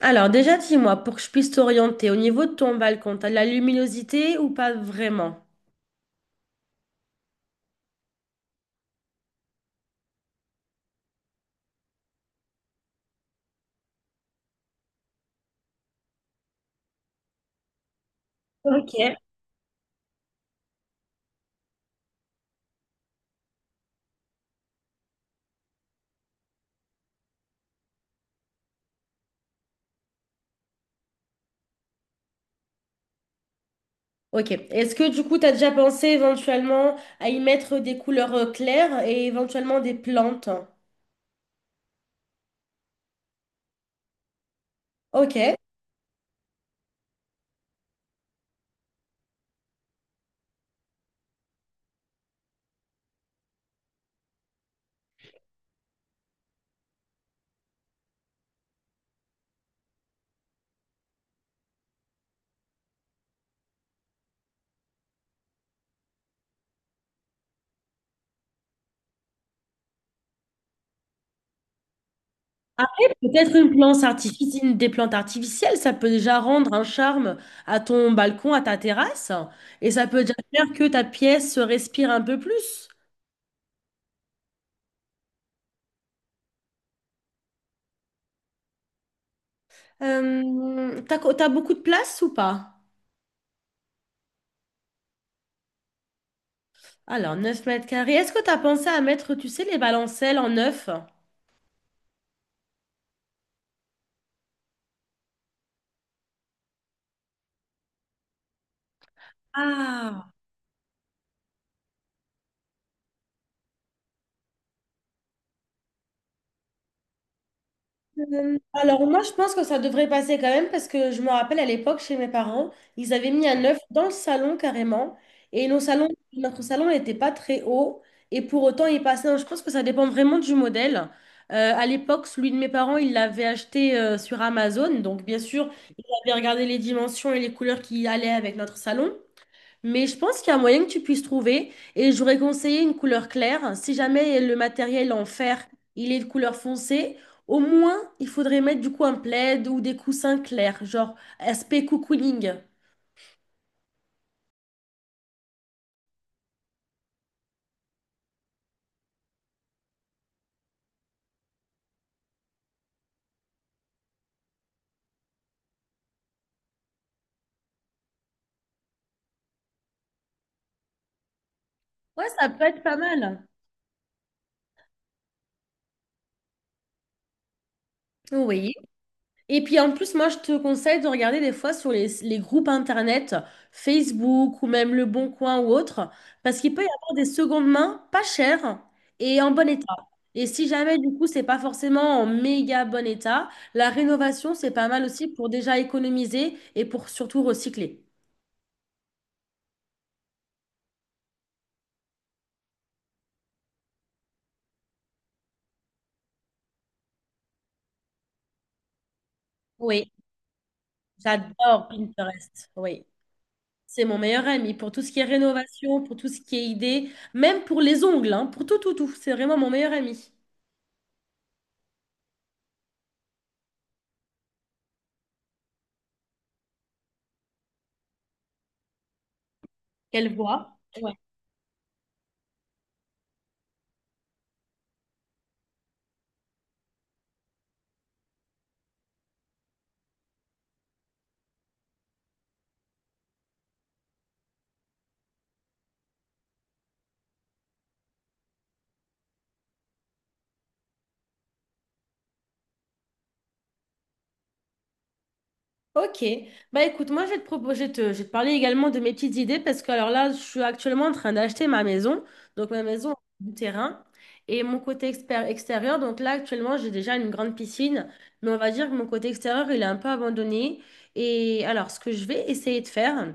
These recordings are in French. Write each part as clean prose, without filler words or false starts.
Alors déjà, dis-moi, pour que je puisse t'orienter, au niveau de ton balcon, t'as de la luminosité ou pas vraiment? Ok. Ok. Est-ce que du coup, t'as déjà pensé éventuellement à y mettre des couleurs claires et éventuellement des plantes? Ok. Après, peut-être une plante artifici- une- des plantes artificielles, ça peut déjà rendre un charme à ton balcon, à ta terrasse, et ça peut déjà faire que ta pièce respire un peu plus. T'as beaucoup de place ou pas? Alors, 9 mètres carrés. Est-ce que tu as pensé à mettre, tu sais, les balancelles en neuf? Ah. Alors moi je pense que ça devrait passer quand même parce que je me rappelle à l'époque chez mes parents, ils avaient mis un œuf dans le salon carrément et nos salons, notre salon n'était pas très haut et pour autant il passait. Donc, je pense que ça dépend vraiment du modèle. À l'époque, celui de mes parents, il l'avait acheté sur Amazon, donc bien sûr, j'avais regardé les dimensions et les couleurs qui allaient avec notre salon. Mais je pense qu'il y a moyen que tu puisses trouver et j'aurais conseillé une couleur claire. Si jamais le matériel en fer, il est de couleur foncée, au moins il faudrait mettre du coup un plaid ou des coussins clairs, genre aspect cocooning. Ouais, ça peut être pas mal. Oui. Et puis en plus, moi, je te conseille de regarder des fois sur les groupes internet, Facebook ou même Le Bon Coin ou autre, parce qu'il peut y avoir des secondes mains pas chères et en bon état. Et si jamais, du coup, c'est pas forcément en méga bon état, la rénovation, c'est pas mal aussi pour déjà économiser et pour surtout recycler. Oui, j'adore Pinterest. Oui, c'est mon meilleur ami pour tout ce qui est rénovation, pour tout ce qui est idée, même pour les ongles, hein, pour tout, tout, tout. C'est vraiment mon meilleur ami. Quelle voix. Ok, bah écoute, moi je vais te proposer, je vais te parler également de mes petites idées parce que alors là, je suis actuellement en train d'acheter ma maison, donc ma maison du terrain et mon côté extérieur. Donc là, actuellement, j'ai déjà une grande piscine, mais on va dire que mon côté extérieur, il est un peu abandonné. Et alors, ce que je vais essayer de faire.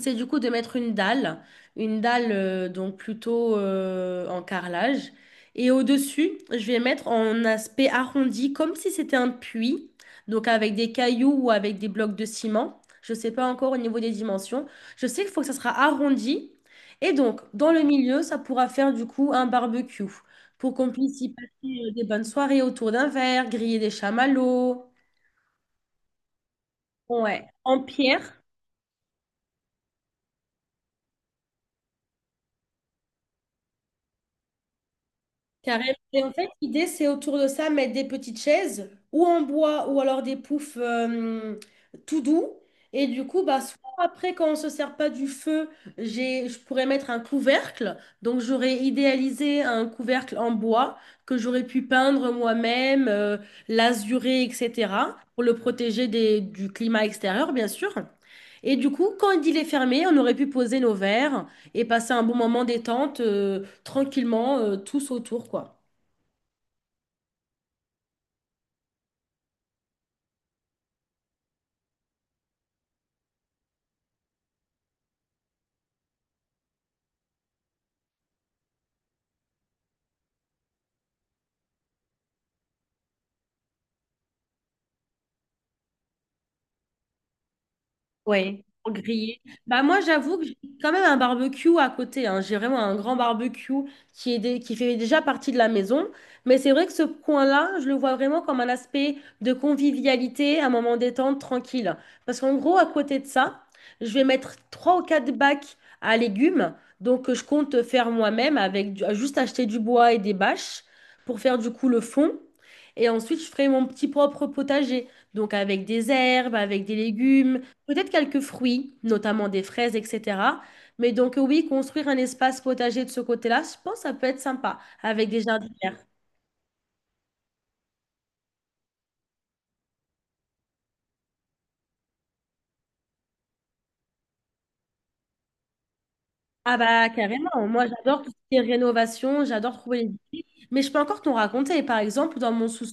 C'est du coup de mettre une dalle donc plutôt en carrelage. Et au-dessus, je vais mettre en aspect arrondi, comme si c'était un puits, donc avec des cailloux ou avec des blocs de ciment. Je ne sais pas encore au niveau des dimensions. Je sais qu'il faut que ça sera arrondi. Et donc, dans le milieu, ça pourra faire du coup un barbecue pour qu'on puisse y passer des bonnes soirées autour d'un verre, griller des chamallows. Ouais, en pierre. Carrément. Et en fait, l'idée, c'est autour de ça, mettre des petites chaises, ou en bois, ou alors des poufs tout doux. Et du coup, bah, soit après, quand on ne se sert pas du feu, je pourrais mettre un couvercle. Donc, j'aurais idéalisé un couvercle en bois que j'aurais pu peindre moi-même, l'azurer, etc., pour le protéger du climat extérieur, bien sûr. Et du coup, quand il est fermé, on aurait pu poser nos verres et passer un bon moment détente, tranquillement, tous autour, quoi. Ouais, pour griller. Bah moi, j'avoue que j'ai quand même un barbecue à côté, hein. J'ai vraiment un grand barbecue qui est qui fait déjà partie de la maison. Mais c'est vrai que ce coin-là, je le vois vraiment comme un aspect de convivialité, un moment détente, tranquille. Parce qu'en gros, à côté de ça, je vais mettre 3 ou 4 bacs à légumes. Donc, que je compte faire moi-même avec juste acheter du bois et des bâches pour faire du coup le fond. Et ensuite, je ferai mon petit propre potager. Donc, avec des herbes, avec des légumes. Peut-être quelques fruits, notamment des fraises, etc. Mais donc oui, construire un espace potager de ce côté-là, je pense que ça peut être sympa avec des jardinières. Ah bah carrément, moi j'adore tout ce qui est rénovation, j'adore trouver les... Mais je peux encore t'en raconter, par exemple, dans mon sous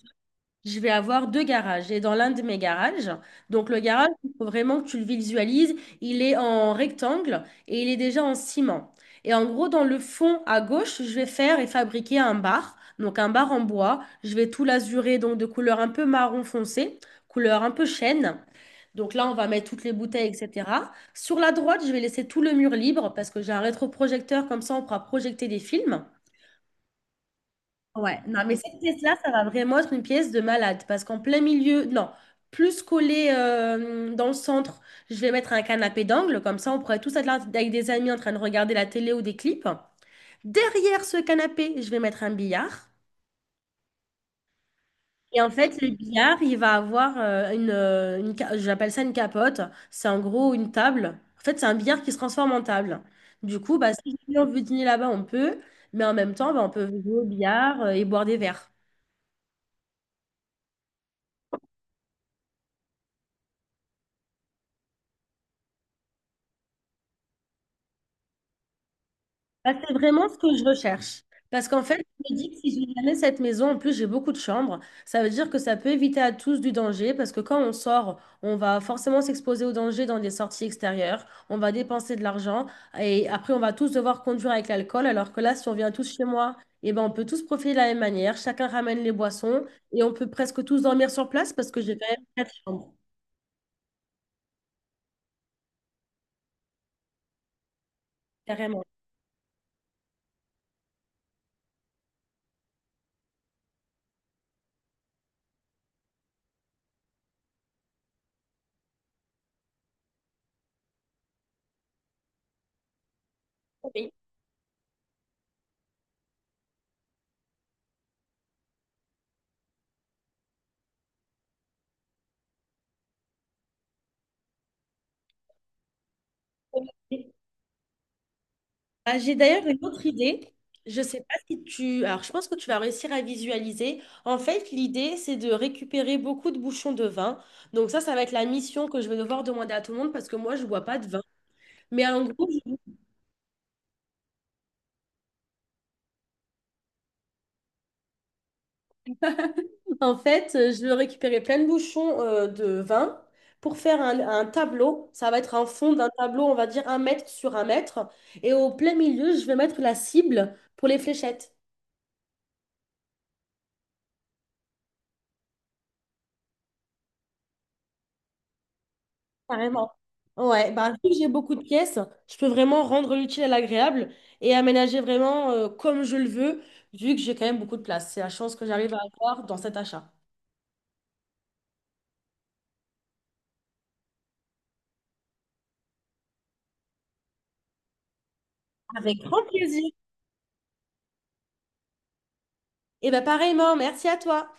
je vais avoir 2 garages. Et dans l'un de mes garages, donc le garage, il faut vraiment que tu le visualises, il est en rectangle et il est déjà en ciment. Et en gros, dans le fond à gauche, je vais faire et fabriquer un bar, donc un bar en bois. Je vais tout l'azurer, donc de couleur un peu marron foncé, couleur un peu chêne. Donc là, on va mettre toutes les bouteilles, etc. Sur la droite, je vais laisser tout le mur libre parce que j'ai un rétroprojecteur, comme ça, on pourra projeter des films. Ouais, non, mais cette pièce-là, ça va vraiment être une pièce de malade parce qu'en plein milieu, non, plus collé dans le centre, je vais mettre un canapé d'angle, comme ça on pourrait tous être là avec des amis en train de regarder la télé ou des clips. Derrière ce canapé, je vais mettre un billard. Et en fait, le billard, il va avoir j'appelle ça une capote, c'est en gros une table. En fait, c'est un billard qui se transforme en table. Du coup, bah, si on veut dîner là-bas, on peut, mais en même temps, bah, on peut jouer au billard et boire des verres. Bah, c'est vraiment ce que je recherche. Parce qu'en fait, je me dis que si j'ai jamais cette maison, en plus j'ai beaucoup de chambres, ça veut dire que ça peut éviter à tous du danger, parce que quand on sort, on va forcément s'exposer au danger dans des sorties extérieures, on va dépenser de l'argent, et après on va tous devoir conduire avec l'alcool, alors que là, si on vient tous chez moi, eh ben, on peut tous profiter de la même manière, chacun ramène les boissons, et on peut presque tous dormir sur place, parce que j'ai quand même 4 chambres, carrément. Oui. Ah, j'ai d'ailleurs une autre idée. Je sais pas si tu... Alors, je pense que tu vas réussir à visualiser. En fait, l'idée, c'est de récupérer beaucoup de bouchons de vin. Donc ça va être la mission que je vais devoir demander à tout le monde parce que moi, je bois pas de vin. Mais en gros, en fait, je vais récupérer plein de bouchons de vin pour faire un tableau. Ça va être un fond d'un tableau, on va dire 1 mètre sur 1 mètre. Et au plein milieu, je vais mettre la cible pour les fléchettes. Carrément. Ouais, bah, vu que j'ai beaucoup de pièces, je peux vraiment rendre l'utile à l'agréable et aménager vraiment comme je le veux, vu que j'ai quand même beaucoup de place. C'est la chance que j'arrive à avoir dans cet achat. Avec grand plaisir. Et bah pareillement, merci à toi.